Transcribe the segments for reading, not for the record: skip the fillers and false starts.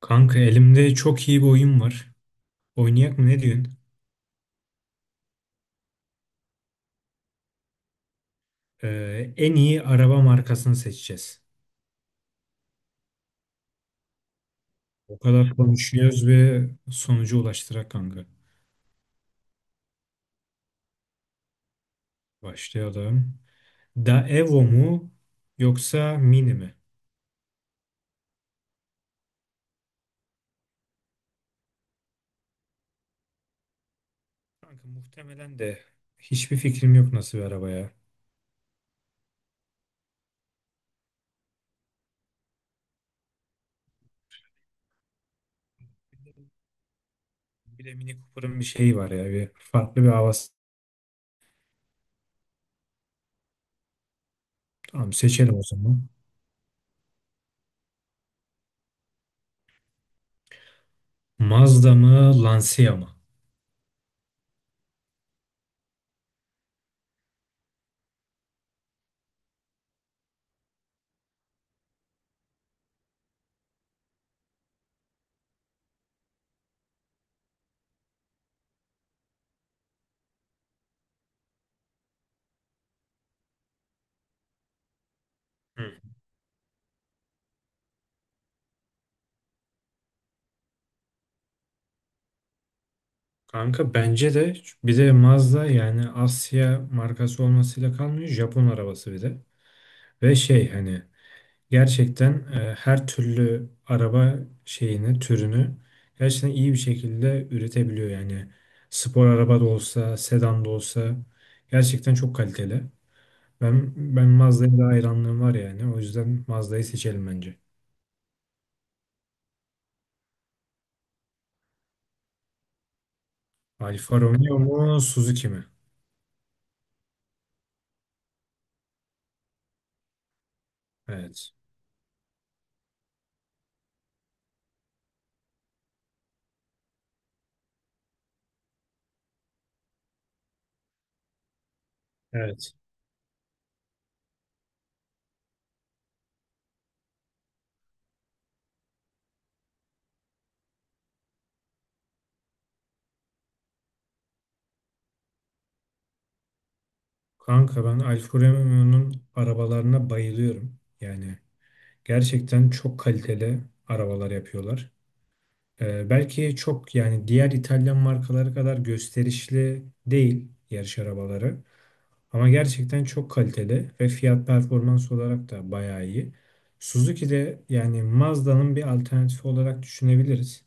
Kanka elimde çok iyi bir oyun var. Oynayak mı ne diyorsun? En iyi araba markasını seçeceğiz. O kadar konuşuyoruz ve sonuca ulaştırak kanka. Başlayalım. Daewoo mu yoksa Mini mi? Kanka muhtemelen de hiçbir fikrim yok nasıl bir araba ya. Bir de Mini Cooper'ın bir şeyi var ya. Bir farklı bir havası. Tamam, seçelim o zaman. Mazda mı Lancia mı? Hmm. Kanka bence de bir de Mazda yani Asya markası olmasıyla kalmıyor, Japon arabası bir de. Ve şey hani gerçekten her türlü araba şeyini türünü gerçekten iyi bir şekilde üretebiliyor yani. Spor araba da olsa sedan da olsa gerçekten çok kaliteli. Ben Mazda'ya da hayranlığım var yani, o yüzden Mazda'yı seçelim bence. Alfa Romeo mu Suzuki mi? Evet. Evet. Kanka ben Alfa Romeo'nun arabalarına bayılıyorum. Yani gerçekten çok kaliteli arabalar yapıyorlar. Belki çok yani diğer İtalyan markaları kadar gösterişli değil yarış arabaları. Ama gerçekten çok kaliteli ve fiyat performans olarak da bayağı iyi. Suzuki de yani Mazda'nın bir alternatifi olarak düşünebiliriz.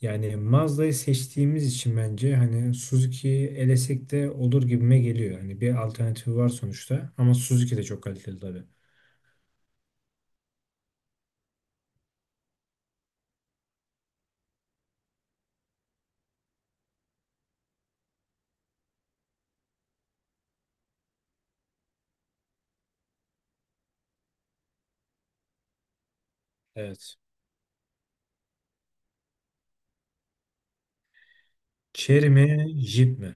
Yani Mazda'yı seçtiğimiz için bence hani Suzuki'yi elesek de olur gibime geliyor. Hani bir alternatifi var sonuçta, ama Suzuki de çok kaliteli tabii. Evet. Chery mi, Jeep mi?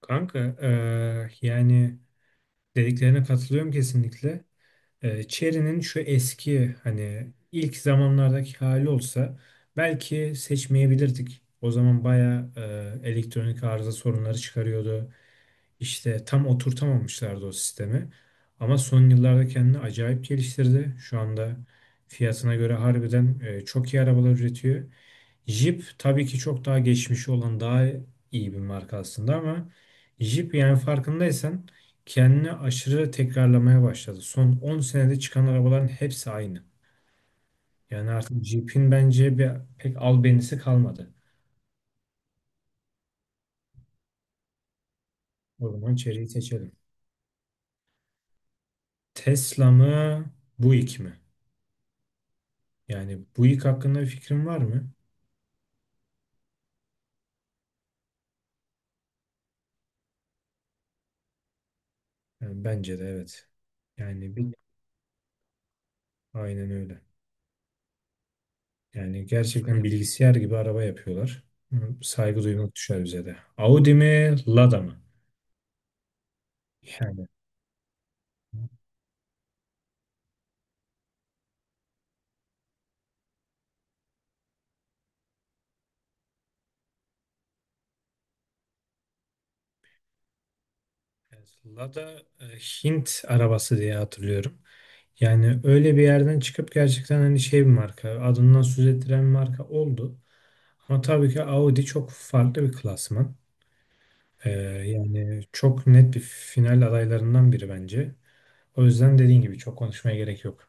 Kanka yani dediklerine katılıyorum kesinlikle. Chery'nin şu eski hani ilk zamanlardaki hali olsa belki seçmeyebilirdik. O zaman bayağı elektronik arıza sorunları çıkarıyordu. İşte tam oturtamamışlardı o sistemi. Ama son yıllarda kendini acayip geliştirdi. Şu anda fiyatına göre harbiden çok iyi arabalar üretiyor. Jeep tabii ki çok daha geçmişi olan daha iyi bir marka aslında, ama Jeep yani farkındaysan kendini aşırı tekrarlamaya başladı. Son 10 senede çıkan arabaların hepsi aynı. Yani artık Jeep'in bence bir, pek albenisi kalmadı. O zaman içeriği seçelim. Tesla mı, Buick mi? Yani bu ilk hakkında bir fikrin var mı? Yani bence de evet. Yani bir, aynen öyle. Yani gerçekten bilgisayar gibi araba yapıyorlar. Hı, saygı duymak düşer bize de. Audi mi, Lada mı? Yani evet, Lada Hint arabası diye hatırlıyorum. Yani öyle bir yerden çıkıp gerçekten hani şey bir marka, adından söz ettiren bir marka oldu. Ama tabii ki Audi çok farklı bir klasman. Ee, Yani çok net bir final adaylarından biri bence. O yüzden dediğin gibi çok konuşmaya gerek yok.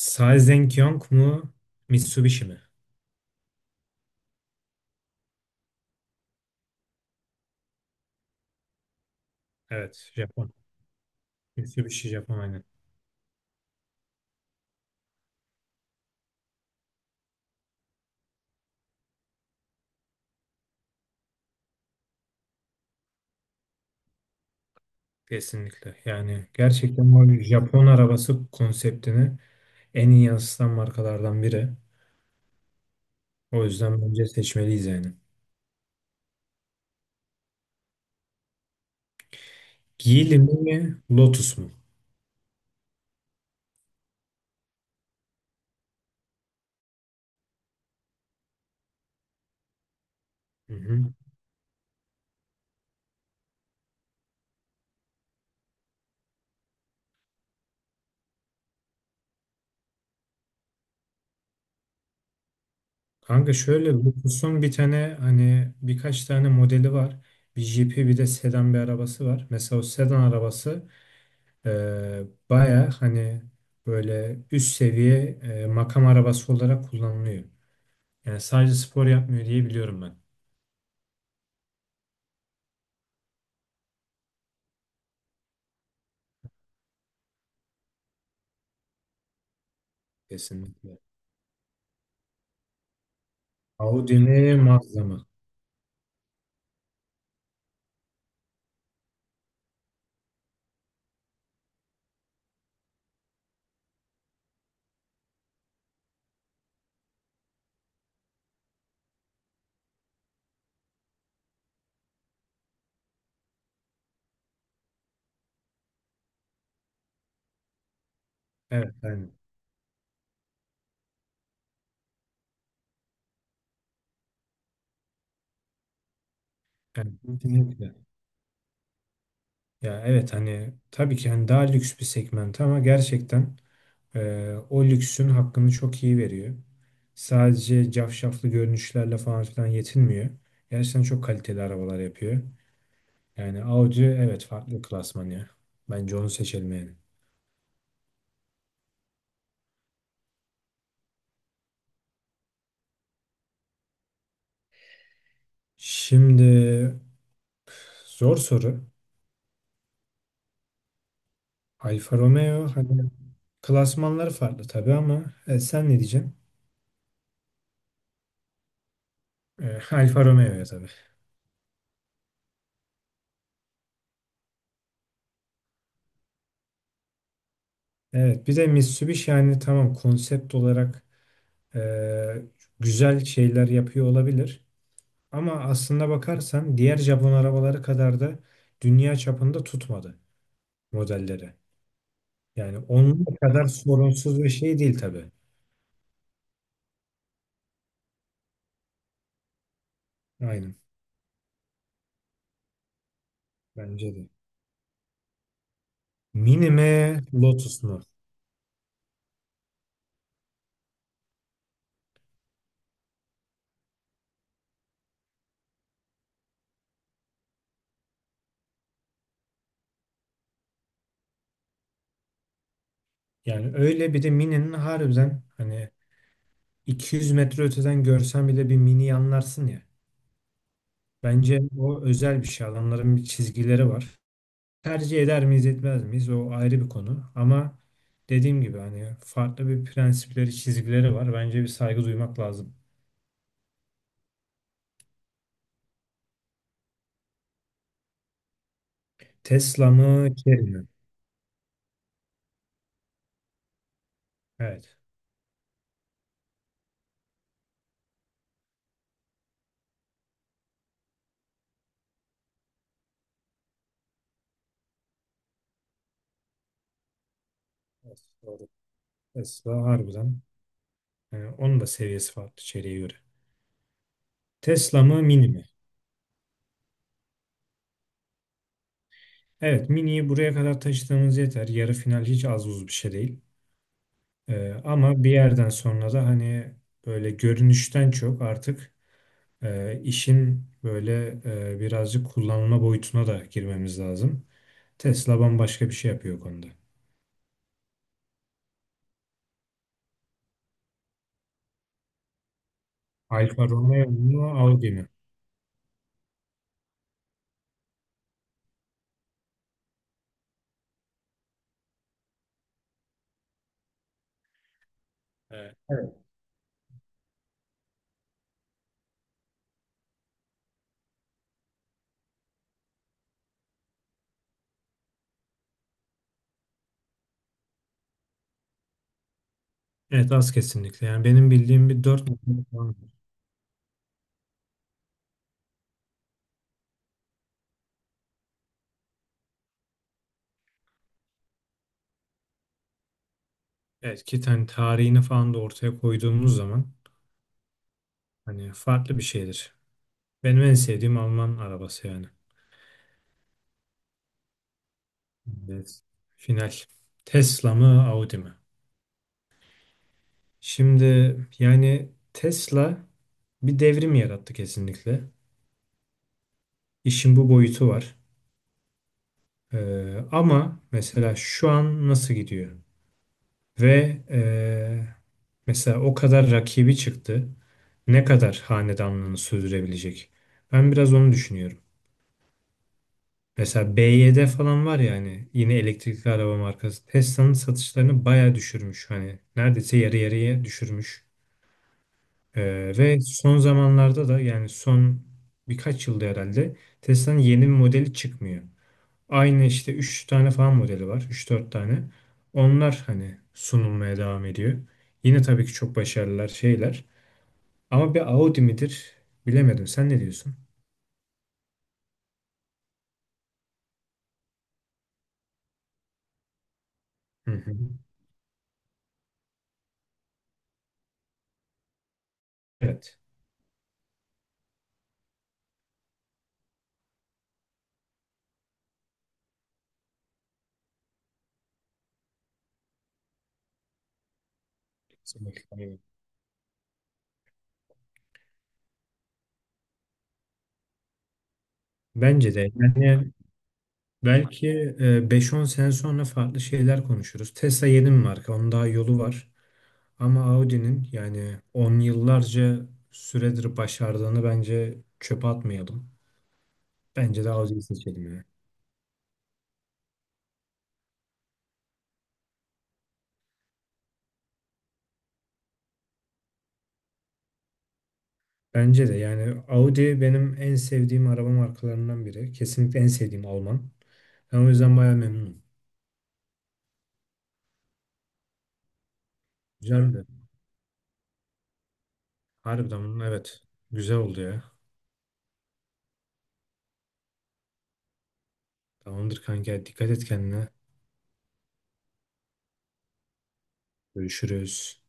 Saizenkyong mu? Mitsubishi mi? Evet, Japon. Mitsubishi Japon aynen. Kesinlikle. Yani gerçekten o Japon arabası konseptini en iyi yansıtan markalardan biri. O yüzden bence seçmeliyiz yani. Geely mi? Lotus mu? Hı hı. Kanka şöyle, Lotus'un bir tane hani birkaç tane modeli var. Bir jipi bir de sedan bir arabası var. Mesela o sedan arabası Eee baya hani böyle üst seviye makam arabası olarak kullanılıyor. Yani sadece spor yapmıyor diye biliyorum ben. Kesinlikle. Audi mi Mazda mı? Evet aynen. Yani kesinlikle. Ya evet hani tabii ki hani daha lüks bir segment, ama gerçekten o lüksün hakkını çok iyi veriyor. Sadece cafcaflı görünüşlerle falan filan yetinmiyor. Gerçekten çok kaliteli arabalar yapıyor. Yani Audi evet farklı klasman ya. Bence onu seçelim yani. Şimdi zor soru. Alfa Romeo hani klasmanları farklı tabii ama sen ne diyeceksin? E, Alfa Romeo'ya tabii. Evet bir de Mitsubishi yani tamam konsept olarak e, güzel şeyler yapıyor olabilir. Ama aslında bakarsan diğer Japon arabaları kadar da dünya çapında tutmadı modelleri. Yani onun kadar sorunsuz bir şey değil tabii. Aynen, bence de. Mini mi Lotus mu? Yani öyle, bir de Mini'nin harbiden hani 200 metre öteden görsen bile bir Mini'yi anlarsın ya. Bence o özel bir şey. Adamların bir çizgileri var. Tercih eder miyiz etmez miyiz o ayrı bir konu. Ama dediğim gibi hani farklı bir prensipleri çizgileri var. Bence bir saygı duymak lazım. Tesla mı Chery mi? Evet. Evet, doğru. Tesla harbiden. Yani onun da seviyesi farklı Chery'e göre. Tesla mı Mini mi? Evet, Mini'yi buraya kadar taşıdığımız yeter. Yarı final hiç az buz bir şey değil. Ama bir yerden sonra da hani böyle görünüşten çok artık işin böyle birazcık kullanılma boyutuna da girmemiz lazım. Tesla bambaşka bir şey yapıyor o konuda. Alfa Romeo mu Audi mi? Evet. Evet az, kesinlikle. Yani benim bildiğim bir dört model falan var. Evet, ki hani tarihini falan da ortaya koyduğumuz zaman hani farklı bir şeydir. Benim en sevdiğim Alman arabası yani. Evet. Final. Tesla mı Audi mi? Şimdi yani Tesla bir devrim yarattı kesinlikle. İşin bu boyutu var. Ama mesela şu an nasıl gidiyor? Ve e, mesela o kadar rakibi çıktı. Ne kadar hanedanlığını sürdürebilecek? Ben biraz onu düşünüyorum. Mesela BYD falan var ya hani yine elektrikli araba markası. Tesla'nın satışlarını bayağı düşürmüş. Hani neredeyse yarı yarıya düşürmüş. Ve son zamanlarda da yani son birkaç yılda herhalde Tesla'nın yeni bir modeli çıkmıyor. Aynı işte 3 tane falan modeli var. Üç dört tane. Onlar hani sunulmaya devam ediyor. Yine tabii ki çok başarılılar şeyler. Ama bir Audi midir? Bilemedim. Sen ne diyorsun? Hı hı. Evet. Kesinlikle. Bence de. Yani belki 5-10 sene sonra farklı şeyler konuşuruz. Tesla yeni bir marka. Onun daha yolu var. Ama Audi'nin yani on yıllarca süredir başardığını bence çöpe atmayalım. Bence de Audi'yi seçelim ya. Bence de yani Audi benim en sevdiğim araba markalarından biri. Kesinlikle en sevdiğim Alman. Ben o yüzden bayağı memnunum. Güzeldi. Harbiden bunun evet. Güzel oldu ya. Tamamdır kanka. Dikkat et kendine. Görüşürüz.